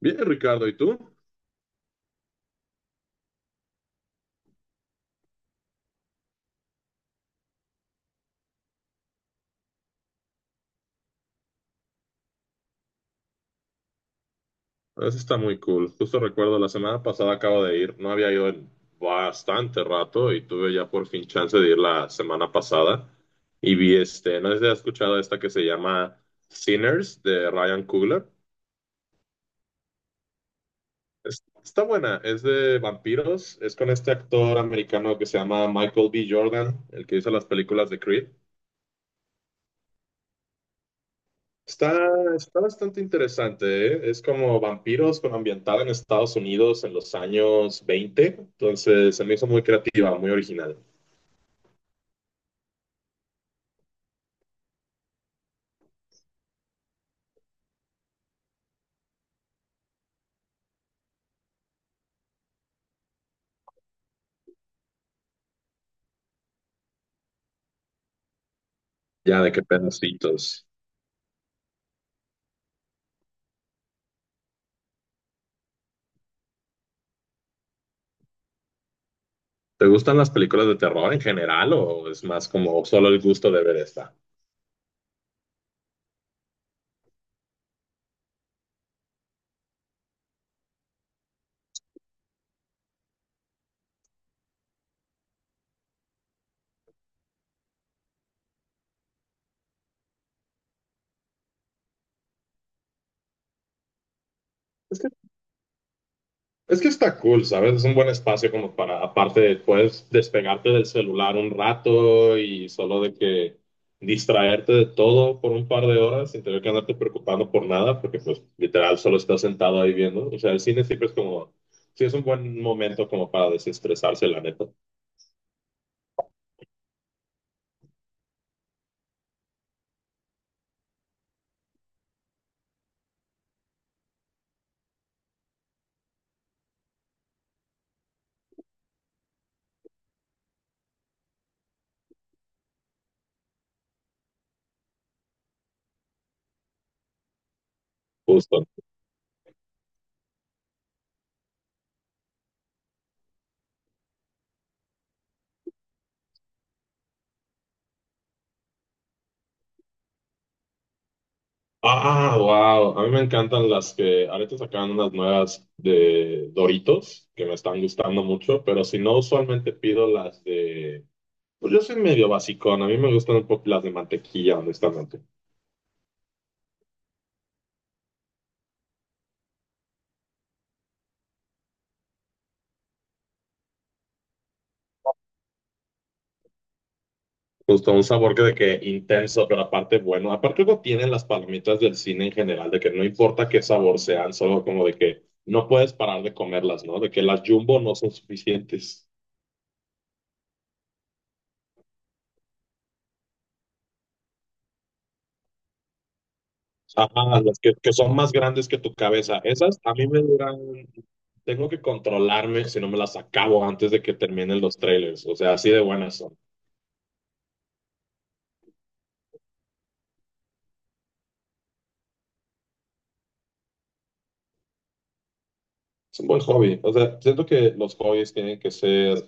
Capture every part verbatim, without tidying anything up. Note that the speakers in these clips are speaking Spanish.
Bien, Ricardo, ¿y tú? Eso está muy cool. Justo recuerdo, la semana pasada acabo de ir, no había ido en bastante rato y tuve ya por fin chance de ir la semana pasada y vi este, no sé si has escuchado esta que se llama Sinners de Ryan Coogler. Es- está buena, es de vampiros, es con este actor americano que se llama Michael B. Jordan, el que hizo las películas de Creed. Está, está bastante interesante, ¿eh? Es como vampiros, pero ambientada en Estados Unidos en los años veinte. Entonces se me hizo muy creativa, muy original. Ya, de qué pedacitos. ¿Te gustan las películas de terror en general o es más como solo el gusto de ver esta? Es que Es que está cool, ¿sabes? Es un buen espacio como para, aparte de, puedes despegarte del celular un rato y solo de que distraerte de todo por un par de horas sin tener que andarte preocupando por nada, porque pues literal solo estás sentado ahí viendo. O sea, el cine siempre es como, sí es un buen momento como para desestresarse, la neta, justo. Ah, wow, a mí me encantan las que ahorita sacan unas nuevas de Doritos que me están gustando mucho, pero si no, usualmente pido las de… Pues yo soy medio basicón, a mí me gustan un poco las de mantequilla, honestamente. Justo un sabor que de que intenso, pero aparte bueno. Aparte algo tienen las palomitas del cine en general, de que no importa qué sabor sean, solo como de que no puedes parar de comerlas, ¿no? De que las jumbo no son suficientes. Ajá, las que, que son más grandes que tu cabeza. Esas a mí me duran, tengo que controlarme si no me las acabo antes de que terminen los trailers. O sea, así de buenas son. Es un buen hobby. O sea, siento que los hobbies tienen que ser…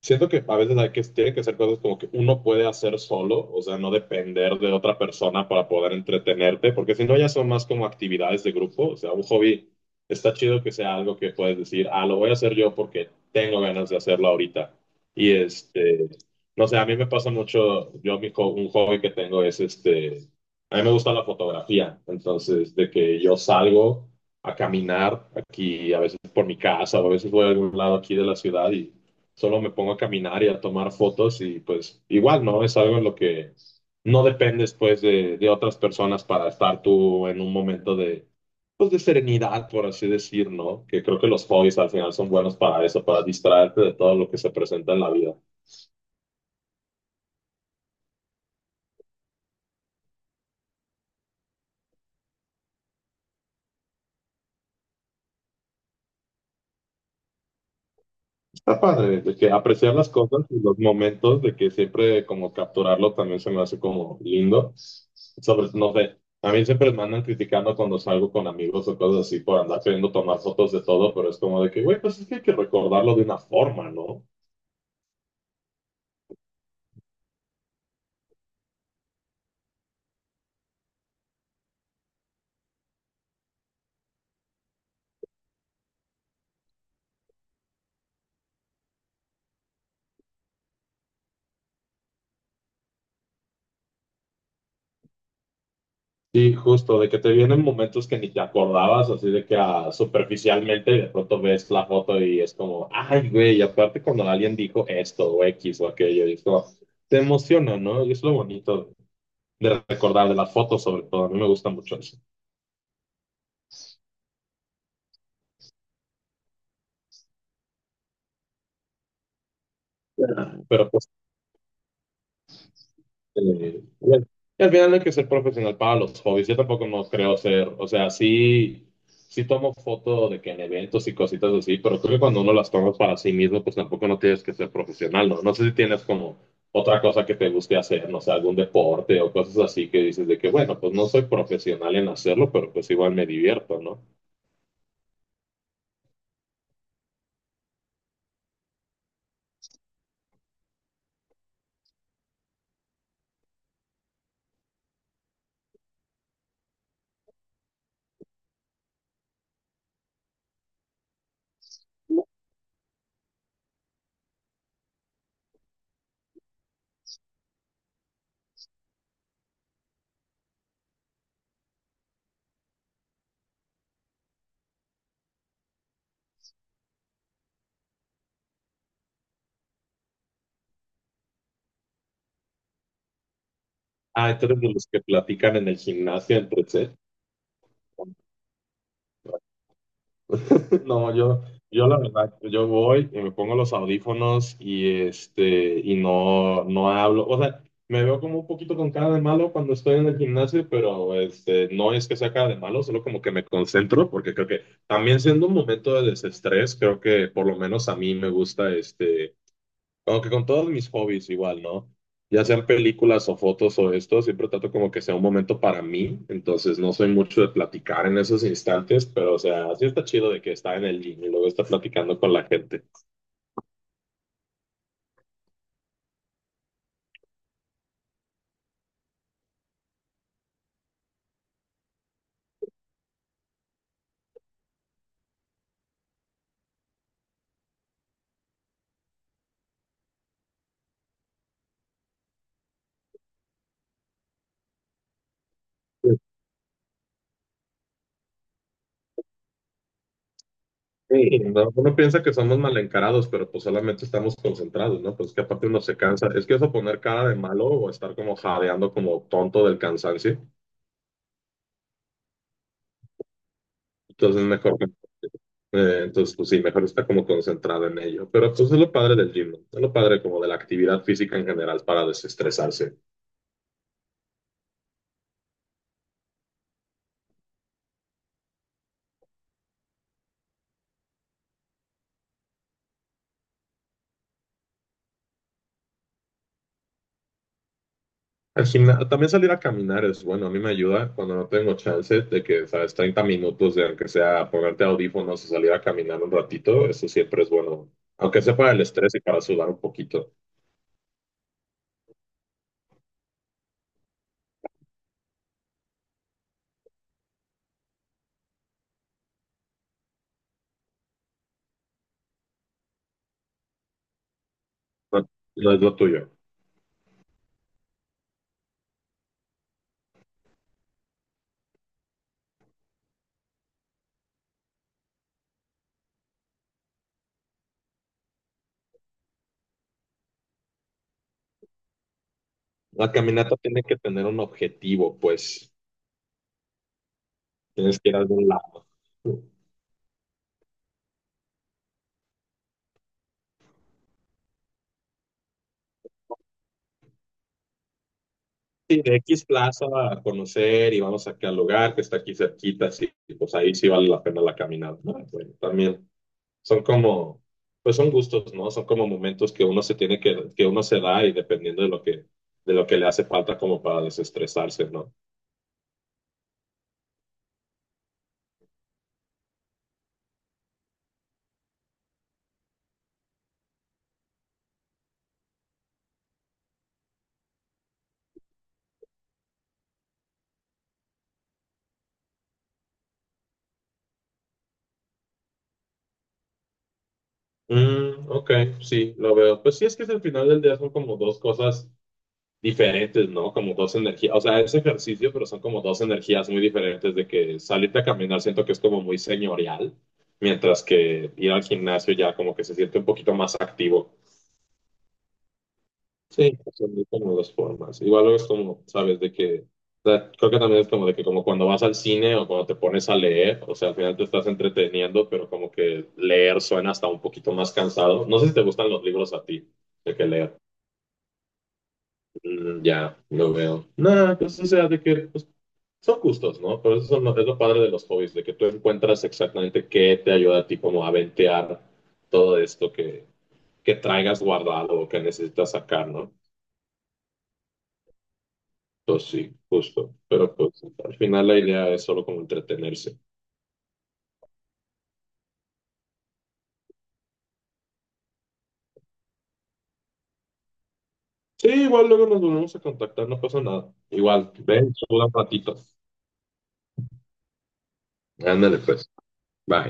Siento que a veces hay que, tienen que ser cosas como que uno puede hacer solo, o sea, no depender de otra persona para poder entretenerte, porque si no ya son más como actividades de grupo. O sea, un hobby está chido que sea algo que puedes decir, ah, lo voy a hacer yo porque tengo ganas de hacerlo ahorita. Y este, no sé, a mí me pasa mucho, yo mi, jo- un hobby que tengo es este, a mí me gusta la fotografía, entonces de que yo salgo a caminar aquí, a veces por mi casa, o a veces voy a algún lado aquí de la ciudad y solo me pongo a caminar y a tomar fotos y pues igual, ¿no? Es algo en lo que no dependes pues de, de otras personas para estar tú en un momento de, pues de serenidad, por así decir, ¿no? Que creo que los hobbies al final son buenos para eso, para distraerte de todo lo que se presenta en la vida. Está padre, de que apreciar las cosas y los momentos, de que siempre como capturarlo también se me hace como lindo. Sobre, no sé, a mí siempre me andan criticando cuando salgo con amigos o cosas así por andar queriendo tomar fotos de todo, pero es como de que, güey, pues es que hay que recordarlo de una forma, ¿no? Sí, justo, de que te vienen momentos que ni te acordabas, así de que ah, superficialmente de pronto ves la foto y es como, ay, güey, y aparte cuando alguien dijo esto o X o aquello, y es como, te emociona, ¿no? Y es lo bonito de recordar de las fotos, sobre todo. A mí me gusta mucho eso. Yeah. Pero pues, eh, bueno, y al final no hay que ser profesional para los hobbies. Yo tampoco no creo ser, o sea, sí, sí tomo fotos de que en eventos y cositas así, pero creo que cuando uno las toma para sí mismo, pues tampoco no tienes que ser profesional, ¿no? No sé si tienes como otra cosa que te guste hacer, no sé, algún deporte o cosas así que dices de que, bueno, pues no soy profesional en hacerlo, pero pues igual me divierto, ¿no? Ah, entonces de los que platican en el gimnasio entre set. No, yo, yo la verdad, yo voy y me pongo los audífonos y este, y no, no hablo. O sea, me veo como un poquito con cara de malo cuando estoy en el gimnasio, pero este, no es que sea cara de malo, solo como que me concentro, porque creo que también siendo un momento de desestrés, creo que por lo menos a mí me gusta este. Como que con todos mis hobbies igual, ¿no? Ya sean películas o fotos o esto, siempre trato como que sea un momento para mí, entonces no soy mucho de platicar en esos instantes, pero o sea, sí está chido de que está en el gym y luego está platicando con la gente. Sí, ¿no? Uno piensa que somos mal encarados, pero pues solamente estamos concentrados, ¿no? Pues que aparte uno se cansa. Es que eso poner cara de malo o estar como jadeando como tonto del cansancio, entonces mejor… Eh, entonces, pues sí, mejor está como concentrado en ello. Pero pues es lo padre del gym, ¿no? Es lo padre como de la actividad física en general para desestresarse. Al gimna- también salir a caminar es bueno, a mí me ayuda cuando no tengo chance de que, sabes, treinta minutos de aunque sea ponerte audífonos y salir a caminar un ratito, eso siempre es bueno, aunque sea para el estrés y para sudar un poquito. No, no es lo tuyo. La caminata tiene que tener un objetivo, pues tienes que ir a algún lado. Sí, de X Plaza a conocer y vamos aquí al lugar que está aquí cerquita, sí, y pues ahí sí vale la pena la caminata, ¿no? Bueno, también son como, pues son gustos, ¿no? Son como momentos que uno se tiene que, que uno se da y dependiendo de lo que, de lo que le hace falta como para desestresarse, ¿no? Mm, ok, sí, lo veo. Pues sí, es que al final del día son como dos cosas diferentes, ¿no? Como dos energías, o sea, es ejercicio, pero son como dos energías muy diferentes de que salirte a caminar siento que es como muy señorial, mientras que ir al gimnasio ya como que se siente un poquito más activo. Sí, son muy como dos formas. Igual luego es como, sabes, de que, o sea, creo que también es como de que como cuando vas al cine o cuando te pones a leer, o sea, al final te estás entreteniendo, pero como que leer suena hasta un poquito más cansado. No sé si te gustan los libros a ti, de que leer. Mm, ya, lo veo. Nada, pues o sea, de que pues, son gustos, ¿no? Pero eso es lo, es lo padre de los hobbies, de que tú encuentras exactamente qué te ayuda a ti como a ventear todo esto que, que traigas guardado o que necesitas sacar, ¿no? Pues sí, justo. Pero pues al final la idea es solo como entretenerse. Sí, igual luego nos volvemos a contactar, no pasa nada. Igual, ven, solo un ratito. Ándale pues, bye.